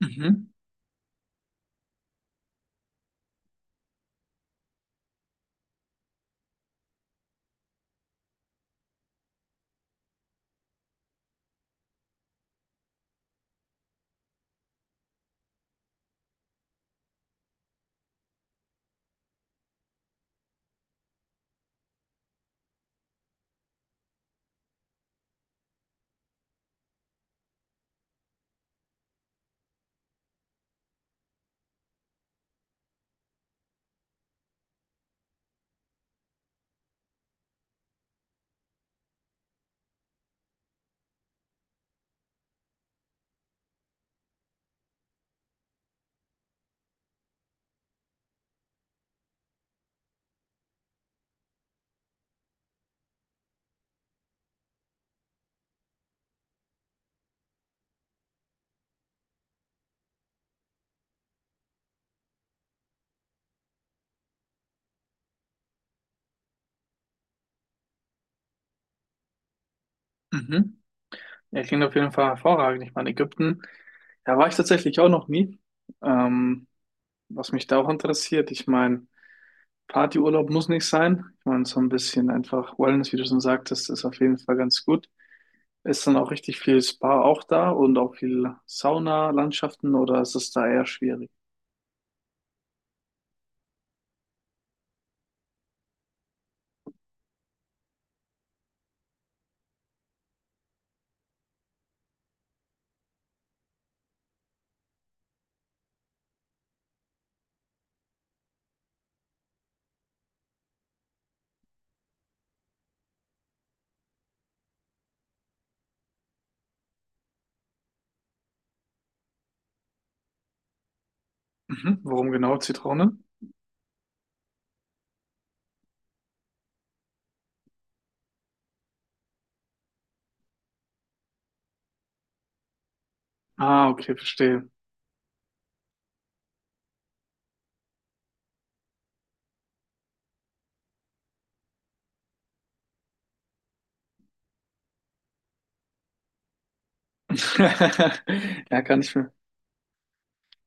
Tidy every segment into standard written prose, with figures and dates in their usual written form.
Mhm, mhm. Ja, klingt auf jeden Fall hervorragend. Ich meine, Ägypten, da war ich tatsächlich auch noch nie. Ähm, Was mich da auch interessiert, ich meine, Partyurlaub muss nicht sein. Ich meine, so ein bisschen einfach Wellness, wie du schon sagtest, ist auf jeden Fall ganz gut. Ist dann auch richtig viel Spa auch da und auch viel Sauna-Landschaften oder ist es da eher schwierig? Mhm. Warum genau Zitrone? Ah, okay, verstehe. Ja, kann ich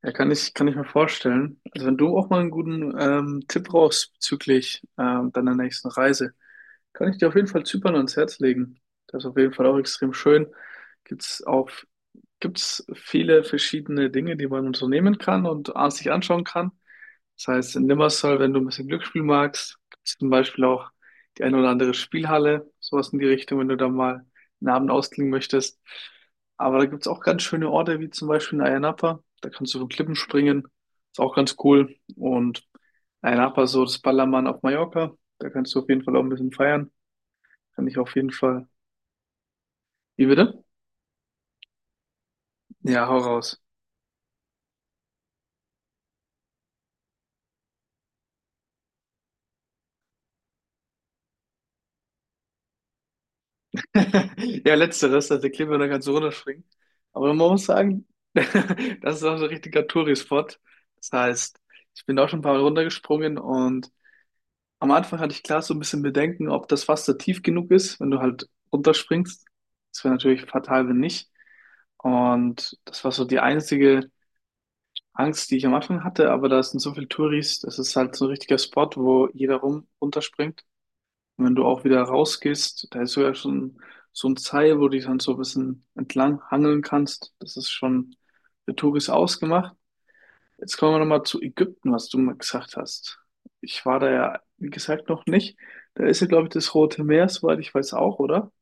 Ja, kann ich mir vorstellen. Also wenn du auch mal einen guten Tipp brauchst bezüglich deiner nächsten Reise, kann ich dir auf jeden Fall Zypern ans Herz legen. Das ist auf jeden Fall auch extrem schön. Gibt's auch, gibt's viele verschiedene Dinge, die man unternehmen kann und sich anschauen kann. Das heißt, in Limassol, wenn du ein bisschen Glücksspiel magst, gibt es zum Beispiel auch die eine oder andere Spielhalle, sowas in die Richtung, wenn du da mal einen Abend ausklingen möchtest. Aber da gibt es auch ganz schöne Orte, wie zum Beispiel in Ayia Napa. Da kannst du von Klippen springen. Ist auch ganz cool. Und Ayia Napa, so das Ballermann auf Mallorca. Da kannst du auf jeden Fall auch ein bisschen feiern. Kann ich auf jeden Fall. Wie bitte? Ja, hau raus. Ja, letzteres, also der Kleber kann so runterspringen. Aber man muss sagen, das ist auch so ein richtiger Touri-Spot. Das heißt, ich bin da auch schon ein paar Mal runtergesprungen und am Anfang hatte ich klar so ein bisschen Bedenken, ob das Wasser tief genug ist, wenn du halt runterspringst. Das wäre natürlich fatal, wenn nicht. Und das war so die einzige Angst, die ich am Anfang hatte, aber da sind so viele Touris, das ist halt so ein richtiger Spot, wo jeder rum runterspringt. Und wenn du auch wieder rausgehst, da ist sogar schon so ein Seil, wo du dich dann so ein bisschen entlang hangeln kannst. Das ist schon für Touris ausgemacht. Jetzt kommen wir nochmal zu Ägypten, was du mal gesagt hast. Ich war da ja, wie gesagt, noch nicht. Da ist ja, glaube ich, das Rote Meer, soweit ich weiß auch, oder?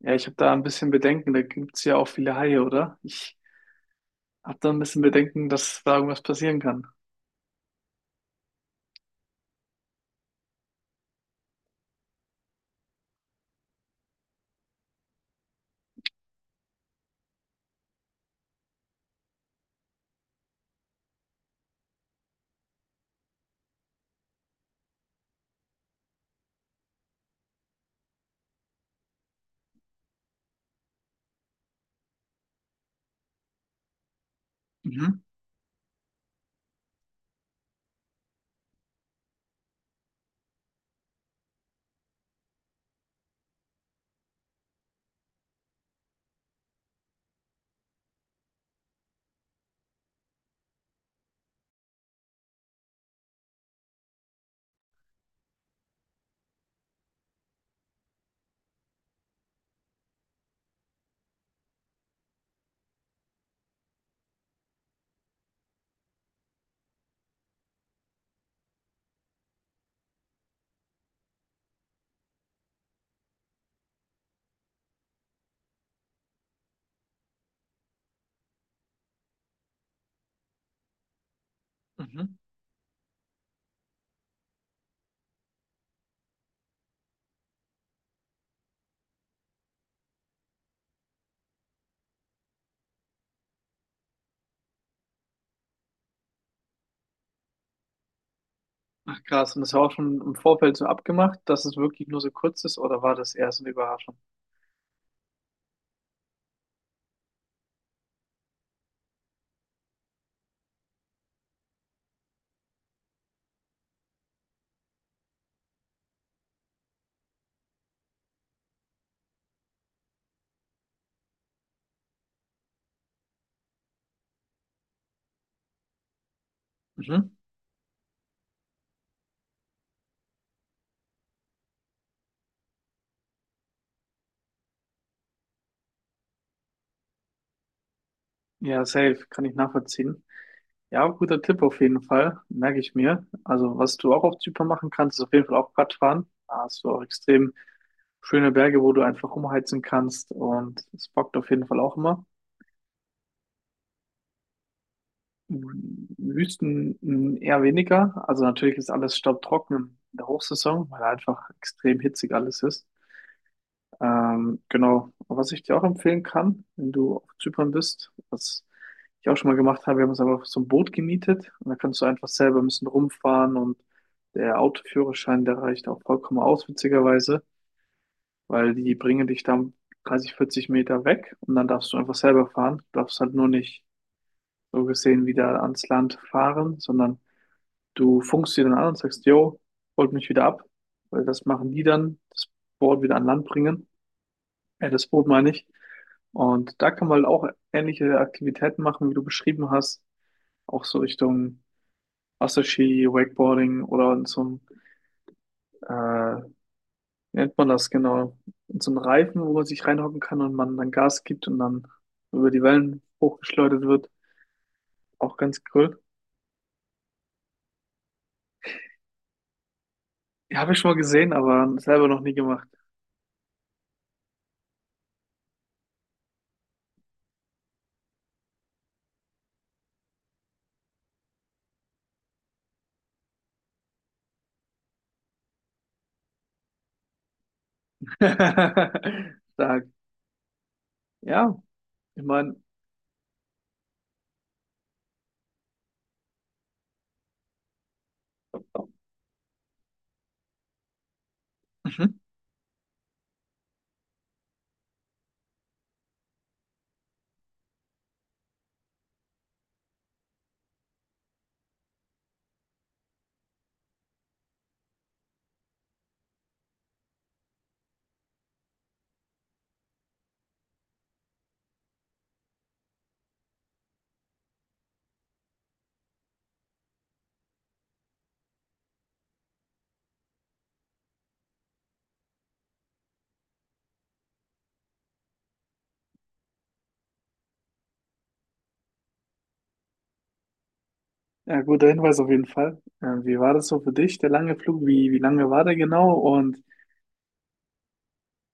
Ja, ich habe da ein bisschen Bedenken. Da gibt es ja auch viele Haie, oder? Ich habe da ein bisschen Bedenken, dass da irgendwas passieren kann. Mhm. Mhm. Ach krass, und das war auch schon im Vorfeld so abgemacht, dass es wirklich nur so kurz ist, oder war das eher so eine Überraschung? Mhm. Ja, safe, kann ich nachvollziehen. Ja, guter Tipp auf jeden Fall, merke ich mir. Also, was du auch auf Zypern machen kannst, ist auf jeden Fall auch Radfahren. Da hast du auch extrem schöne Berge, wo du einfach umheizen kannst und es bockt auf jeden Fall auch immer. Wüsten m, eher weniger. Also, natürlich ist alles staubtrocken in der Hochsaison, weil einfach extrem hitzig alles ist. Genau. Und was ich dir auch empfehlen kann, wenn du auf Zypern bist, was ich auch schon mal gemacht habe, wir haben uns einfach so ein Boot gemietet und da kannst du einfach selber ein bisschen rumfahren und der Autoführerschein, der reicht auch vollkommen aus, witzigerweise, weil die bringen dich dann 30, 40 Meter weg und dann darfst du einfach selber fahren. Du darfst halt nur nicht so gesehen wieder ans Land fahren, sondern du funkst sie dann an und sagst, yo, holt mich wieder ab, weil das machen die dann, das Boot wieder an Land bringen. Das Boot meine ich. Und da kann man halt auch ähnliche Aktivitäten machen, wie du beschrieben hast, auch so Richtung Wasserski, Wakeboarding oder in so einem, äh, wie nennt man das genau, in so einem Reifen, wo man sich reinhocken kann und man dann Gas gibt und dann über die Wellen hochgeschleudert wird. Auch ganz cool. Ja, habe ich schon mal gesehen, aber selber noch nie gemacht. Stark. Ja, ich meine, mhm, ja, guter Hinweis auf jeden Fall. Wie war das so für dich, der lange Flug? Wie lange war der genau? Und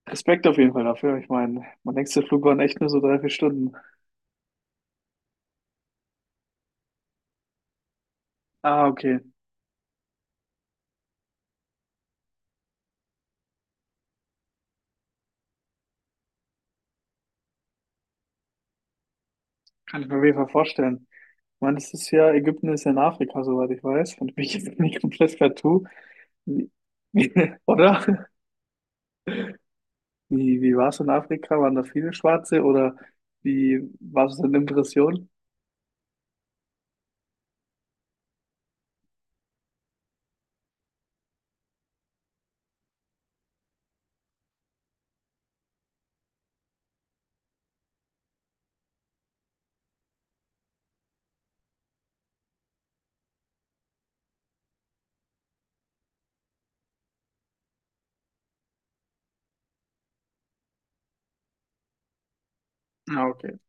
Respekt auf jeden Fall dafür. Ich meine, mein nächster Flug waren echt nur so drei, vier Stunden. Ah, okay. Kann ich mir auf jeden Fall vorstellen. Ich meine, das ist ja, Ägypten ist ja in Afrika, soweit ich weiß. Und ich bin jetzt nicht komplett partout. Wie- Oder? Wie war es in Afrika? Waren da viele Schwarze oder wie war es in Impression? Ah, okay.